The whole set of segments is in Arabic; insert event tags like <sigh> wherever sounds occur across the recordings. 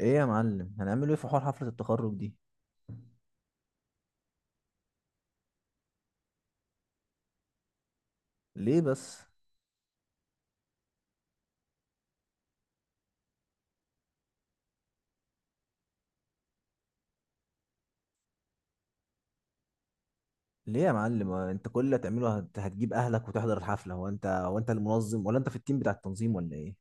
ايه يا معلم هنعمله ايه في حوار حفلة التخرج دي؟ ليه بس؟ ليه يا معلم؟ هو انت كل اللي هتعمله هتجيب اهلك وتحضر الحفلة؟ هو انت المنظم ولا انت في التيم بتاع التنظيم ولا ايه؟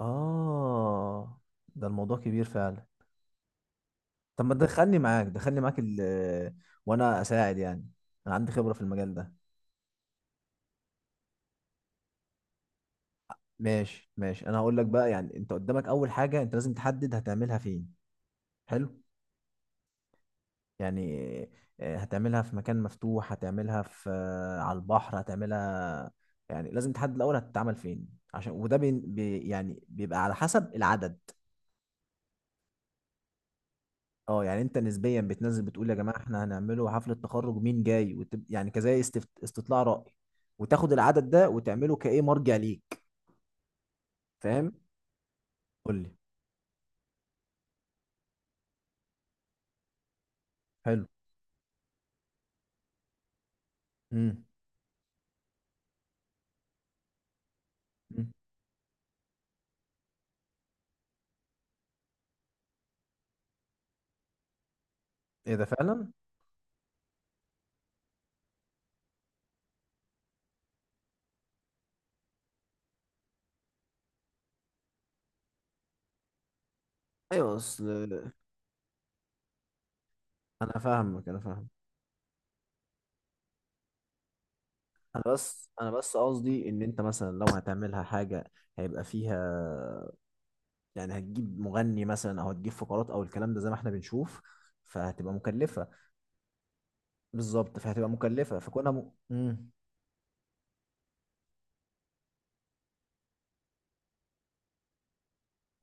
اه، ده الموضوع كبير فعلا. طب ما تدخلني معاك، دخلني معاك وانا اساعد يعني، انا عندي خبرة في المجال ده. ماشي، انا هقول لك بقى. يعني انت قدامك اول حاجة انت لازم تحدد هتعملها فين. حلو. يعني هتعملها في مكان مفتوح، هتعملها في على البحر، هتعملها يعني، لازم تحدد الاول هتتعمل فين، عشان وده يعني بيبقى على حسب العدد. اه، يعني انت نسبيا بتنزل بتقول يا جماعه احنا هنعمله حفله تخرج، مين جاي، يعني استطلاع راي، وتاخد العدد ده وتعمله كايه مرجع ليك. فاهم. قول لي. حلو. امم. ايه ده فعلا. ايوه اصل. انا فاهمك. انا بس قصدي ان انت مثلا لو هتعملها حاجه هيبقى فيها، يعني هتجيب مغني مثلا او هتجيب فقرات او الكلام ده زي ما احنا بنشوف، فهتبقى مكلفه. بالظبط، فهتبقى مكلفه فكنا مم.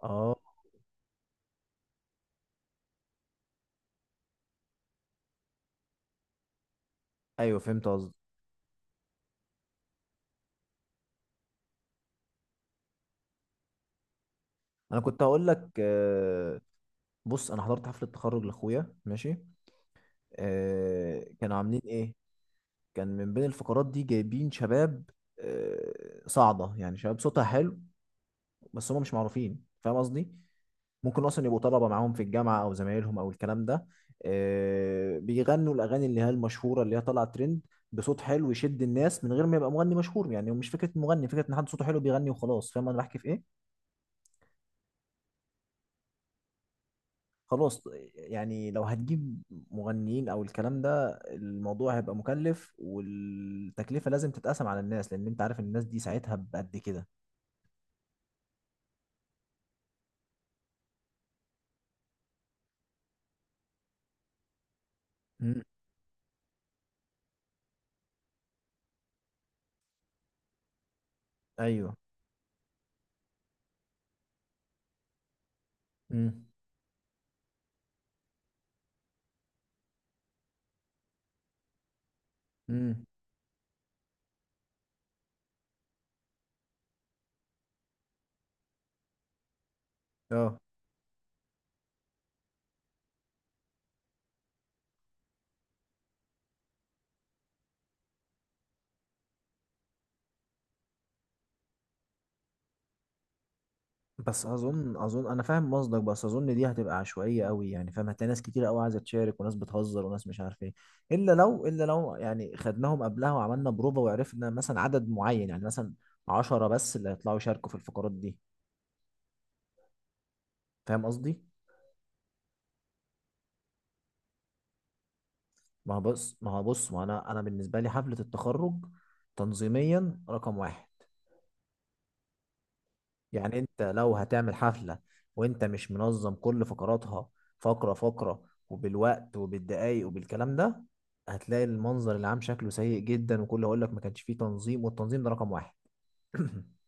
اه ايوه، فهمت قصدي. انا كنت هقول لك، بص، انا حضرت حفله تخرج لاخويا، ماشي. كانوا عاملين ايه؟ كان من بين الفقرات دي جايبين شباب صاعده، يعني شباب صوتها حلو، بس هم مش معروفين، فاهم قصدي. ممكن اصلا يبقوا طلبه معاهم في الجامعه او زمايلهم او الكلام ده. بيغنوا الاغاني اللي هي المشهوره اللي هي طالعه ترند، بصوت حلو يشد الناس من غير ما يبقى مغني مشهور. يعني مش فكره مغني، فكره ان حد صوته حلو بيغني وخلاص، فاهم انا بحكي في ايه. خلاص. يعني لو هتجيب مغنيين او الكلام ده الموضوع هيبقى مكلف، والتكلفه لازم تتقسم على الناس، لان انت عارف الناس دي ساعتها بقد كده. امم. ايوه. امم. امم. اه، بس اظن انا فاهم قصدك، بس اظن دي هتبقى عشوائيه قوي يعني، فاهم. هتلاقي ناس كتير قوي عايزه تشارك، وناس بتهزر، وناس مش عارف ايه. الا لو يعني خدناهم قبلها وعملنا بروفه، وعرفنا مثلا عدد معين، يعني مثلا عشرة بس اللي هيطلعوا يشاركوا في الفقرات دي. فاهم قصدي. ما هو بص، ما انا بالنسبه لي حفله التخرج تنظيميا رقم واحد. يعني انت لو هتعمل حفلة وانت مش منظم كل فقراتها، فقرة فقرة، وبالوقت وبالدقايق وبالكلام ده، هتلاقي المنظر العام شكله سيء جدا، وكله هقول لك ما كانش فيه تنظيم. والتنظيم ده رقم واحد. <clears throat>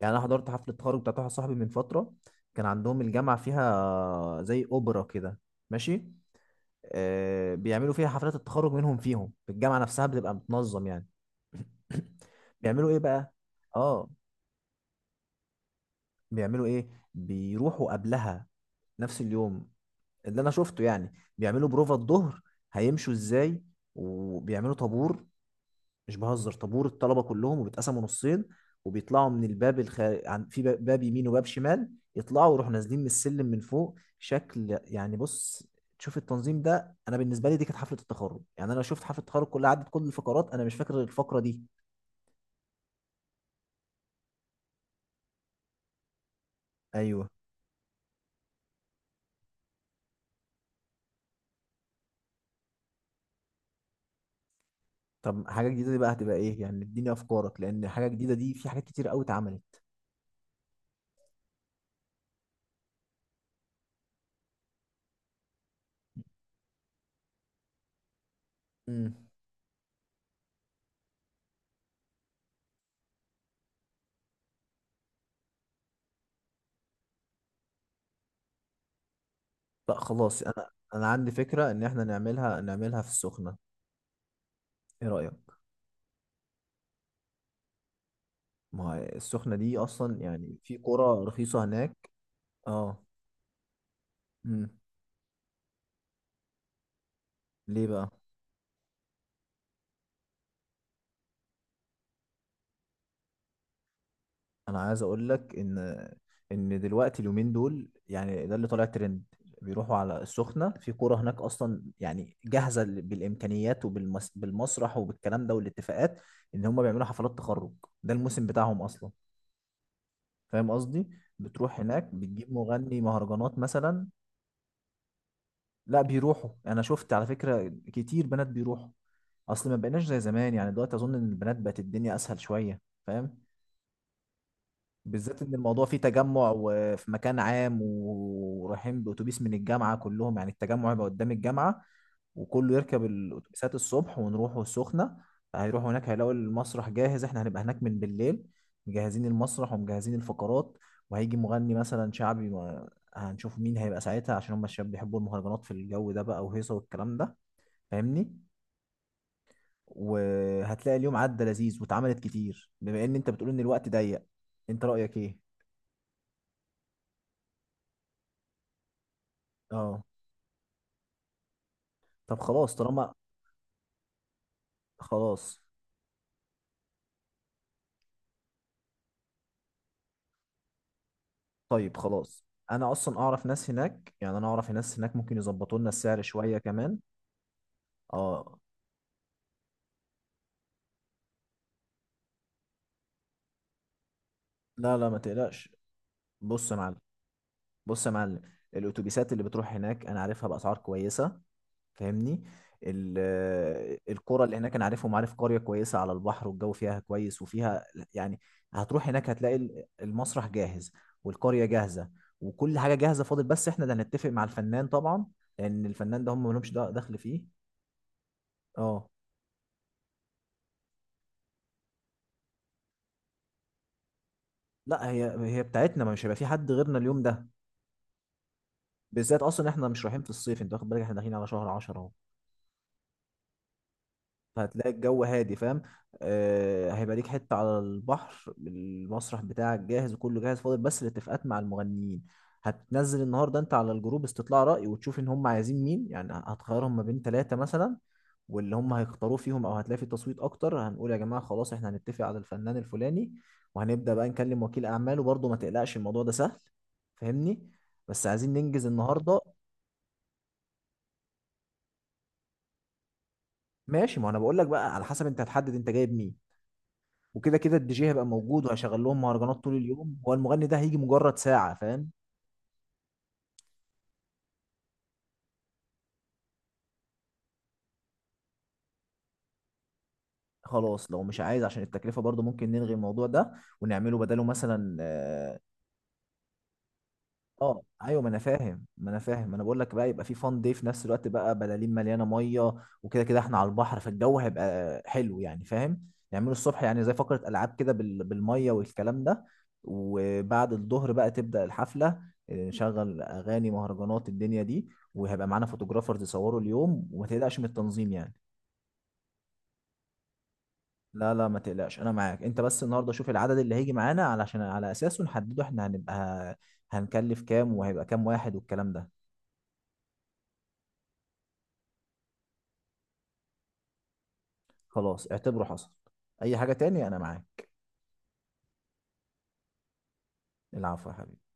يعني انا حضرت حفلة تخرج بتاعت واحد صاحبي من فترة. كان عندهم الجامعة فيها زي اوبرا كده، ماشي. بيعملوا فيها حفلات التخرج منهم، فيهم في الجامعة نفسها، بتبقى متنظم يعني. <clears throat> بيعملوا ايه بقى؟ اه. بيعملوا ايه؟ بيروحوا قبلها نفس اليوم، اللي انا شفته يعني، بيعملوا بروفة الظهر، هيمشوا ازاي، وبيعملوا طابور، مش بهزر، طابور الطلبة كلهم، وبيتقسموا نصين، وبيطلعوا من في باب يمين وباب شمال، يطلعوا ويروحوا نازلين من السلم من فوق. شكل يعني، بص، تشوف التنظيم ده. انا بالنسبه لي دي كانت حفله التخرج، يعني انا شفت حفله التخرج كلها، عدت كل الفقرات، انا مش فاكر غير الفقره دي. ايوه. طب حاجه جديده دي بقى هتبقى ايه يعني؟ اديني افكارك، لان حاجه جديده دي في حاجات كتير قوي اتعملت. مم. لا خلاص، انا عندي فكره ان احنا نعملها في السخنه. ايه رايك؟ ما هي السخنه دي اصلا يعني، في قرى رخيصه هناك. اه. امم. ليه بقى؟ انا عايز اقول لك ان دلوقتي اليومين دول يعني ده اللي طالع ترند. بيروحوا على السخنه في قرى هناك اصلا يعني جاهزه، بالامكانيات وبالمسرح وبالكلام ده والاتفاقات، ان هم بيعملوا حفلات تخرج. ده الموسم بتاعهم اصلا، فاهم قصدي. بتروح هناك بتجيب مغني مهرجانات مثلا. لا، بيروحوا، يعني انا شفت على فكره كتير بنات بيروحوا. اصل ما بقيناش زي زمان يعني، دلوقتي اظن ان البنات بقت الدنيا اسهل شويه، فاهم. بالذات ان الموضوع فيه تجمع، وفي مكان عام، ورايحين باتوبيس من الجامعه كلهم. يعني التجمع يبقى قدام الجامعه، وكله يركب الاتوبيسات الصبح، ونروحوا السخنه. هيروحوا هناك، هيلاقوا المسرح جاهز. احنا هنبقى هناك من بالليل مجهزين المسرح ومجهزين الفقرات. وهيجي مغني مثلا شعبي، هنشوف مين هيبقى ساعتها، عشان هم الشباب بيحبوا المهرجانات في الجو ده بقى، وهيصه والكلام ده، فاهمني. وهتلاقي اليوم عدى لذيذ واتعملت كتير، بما ان انت بتقول ان الوقت ضيق. انت رايك ايه؟ اه. طب خلاص، طالما. خلاص. طيب خلاص، انا اصلا اعرف ناس هناك، يعني انا اعرف ناس هناك ممكن يظبطوا لنا السعر شويه كمان. اه. لا ما تقلقش. بص يا معلم، بص يا معلم الاتوبيسات اللي بتروح هناك انا عارفها باسعار كويسه، فاهمني. القرى اللي هناك انا عارفهم، عارف قريه كويسه على البحر والجو فيها كويس وفيها يعني. هتروح هناك هتلاقي المسرح جاهز، والقريه جاهزه، وكل حاجه جاهزه. فاضل بس احنا اللي هنتفق مع الفنان طبعا، لان الفنان ده هم ملهمش دخل فيه. اه. لا، هي بتاعتنا، ما مش هيبقى في حد غيرنا اليوم ده. بالذات اصلا احنا مش رايحين في الصيف، انت واخد بالك احنا داخلين على شهر 10 اهو. هتلاقي الجو هادي، فاهم. هيبقى ليك حتة على البحر، المسرح بتاعك جاهز وكله جاهز، فاضل بس الاتفاقات مع المغنيين. هتنزل النهارده انت على الجروب استطلاع رأي، وتشوف ان هم عايزين مين. يعني هتخيرهم ما بين ثلاثة مثلا، واللي هم هيختاروه فيهم او هتلاقي في تصويت اكتر، هنقول يا جماعة خلاص احنا هنتفق على الفنان الفلاني، وهنبدأ بقى نكلم وكيل اعماله، برضه ما تقلقش الموضوع ده سهل، فاهمني. بس عايزين ننجز النهارده. ماشي، ما انا بقول لك بقى، على حسب انت هتحدد انت جايب مين. وكده كده الدي جي هيبقى موجود، وهشغل لهم مهرجانات طول اليوم، هو المغني ده هيجي مجرد ساعة، فاهم. خلاص لو مش عايز عشان التكلفة برضه ممكن نلغي الموضوع ده، ونعمله بداله مثلا، اه ايوه. ما انا فاهم، ما انا بقول لك بقى، يبقى في فان دي في نفس الوقت بقى، بلالين مليانه ميه. وكده كده احنا على البحر، فالجو هيبقى حلو يعني، فاهم. يعملوا الصبح يعني زي فقره العاب كده بالميه والكلام ده. وبعد الظهر بقى تبدا الحفله، نشغل اغاني مهرجانات الدنيا دي. وهيبقى معانا فوتوغرافرز يصوروا اليوم، وما تقلقش من التنظيم يعني. لا ما تقلقش، انا معاك. انت بس النهارده شوف العدد اللي هيجي معانا، علشان على اساسه نحدده، احنا هنبقى هنكلف كام وهيبقى كام واحد والكلام ده. خلاص، اعتبره حصل. اي حاجة تاني انا معاك. العفو يا حبيبي.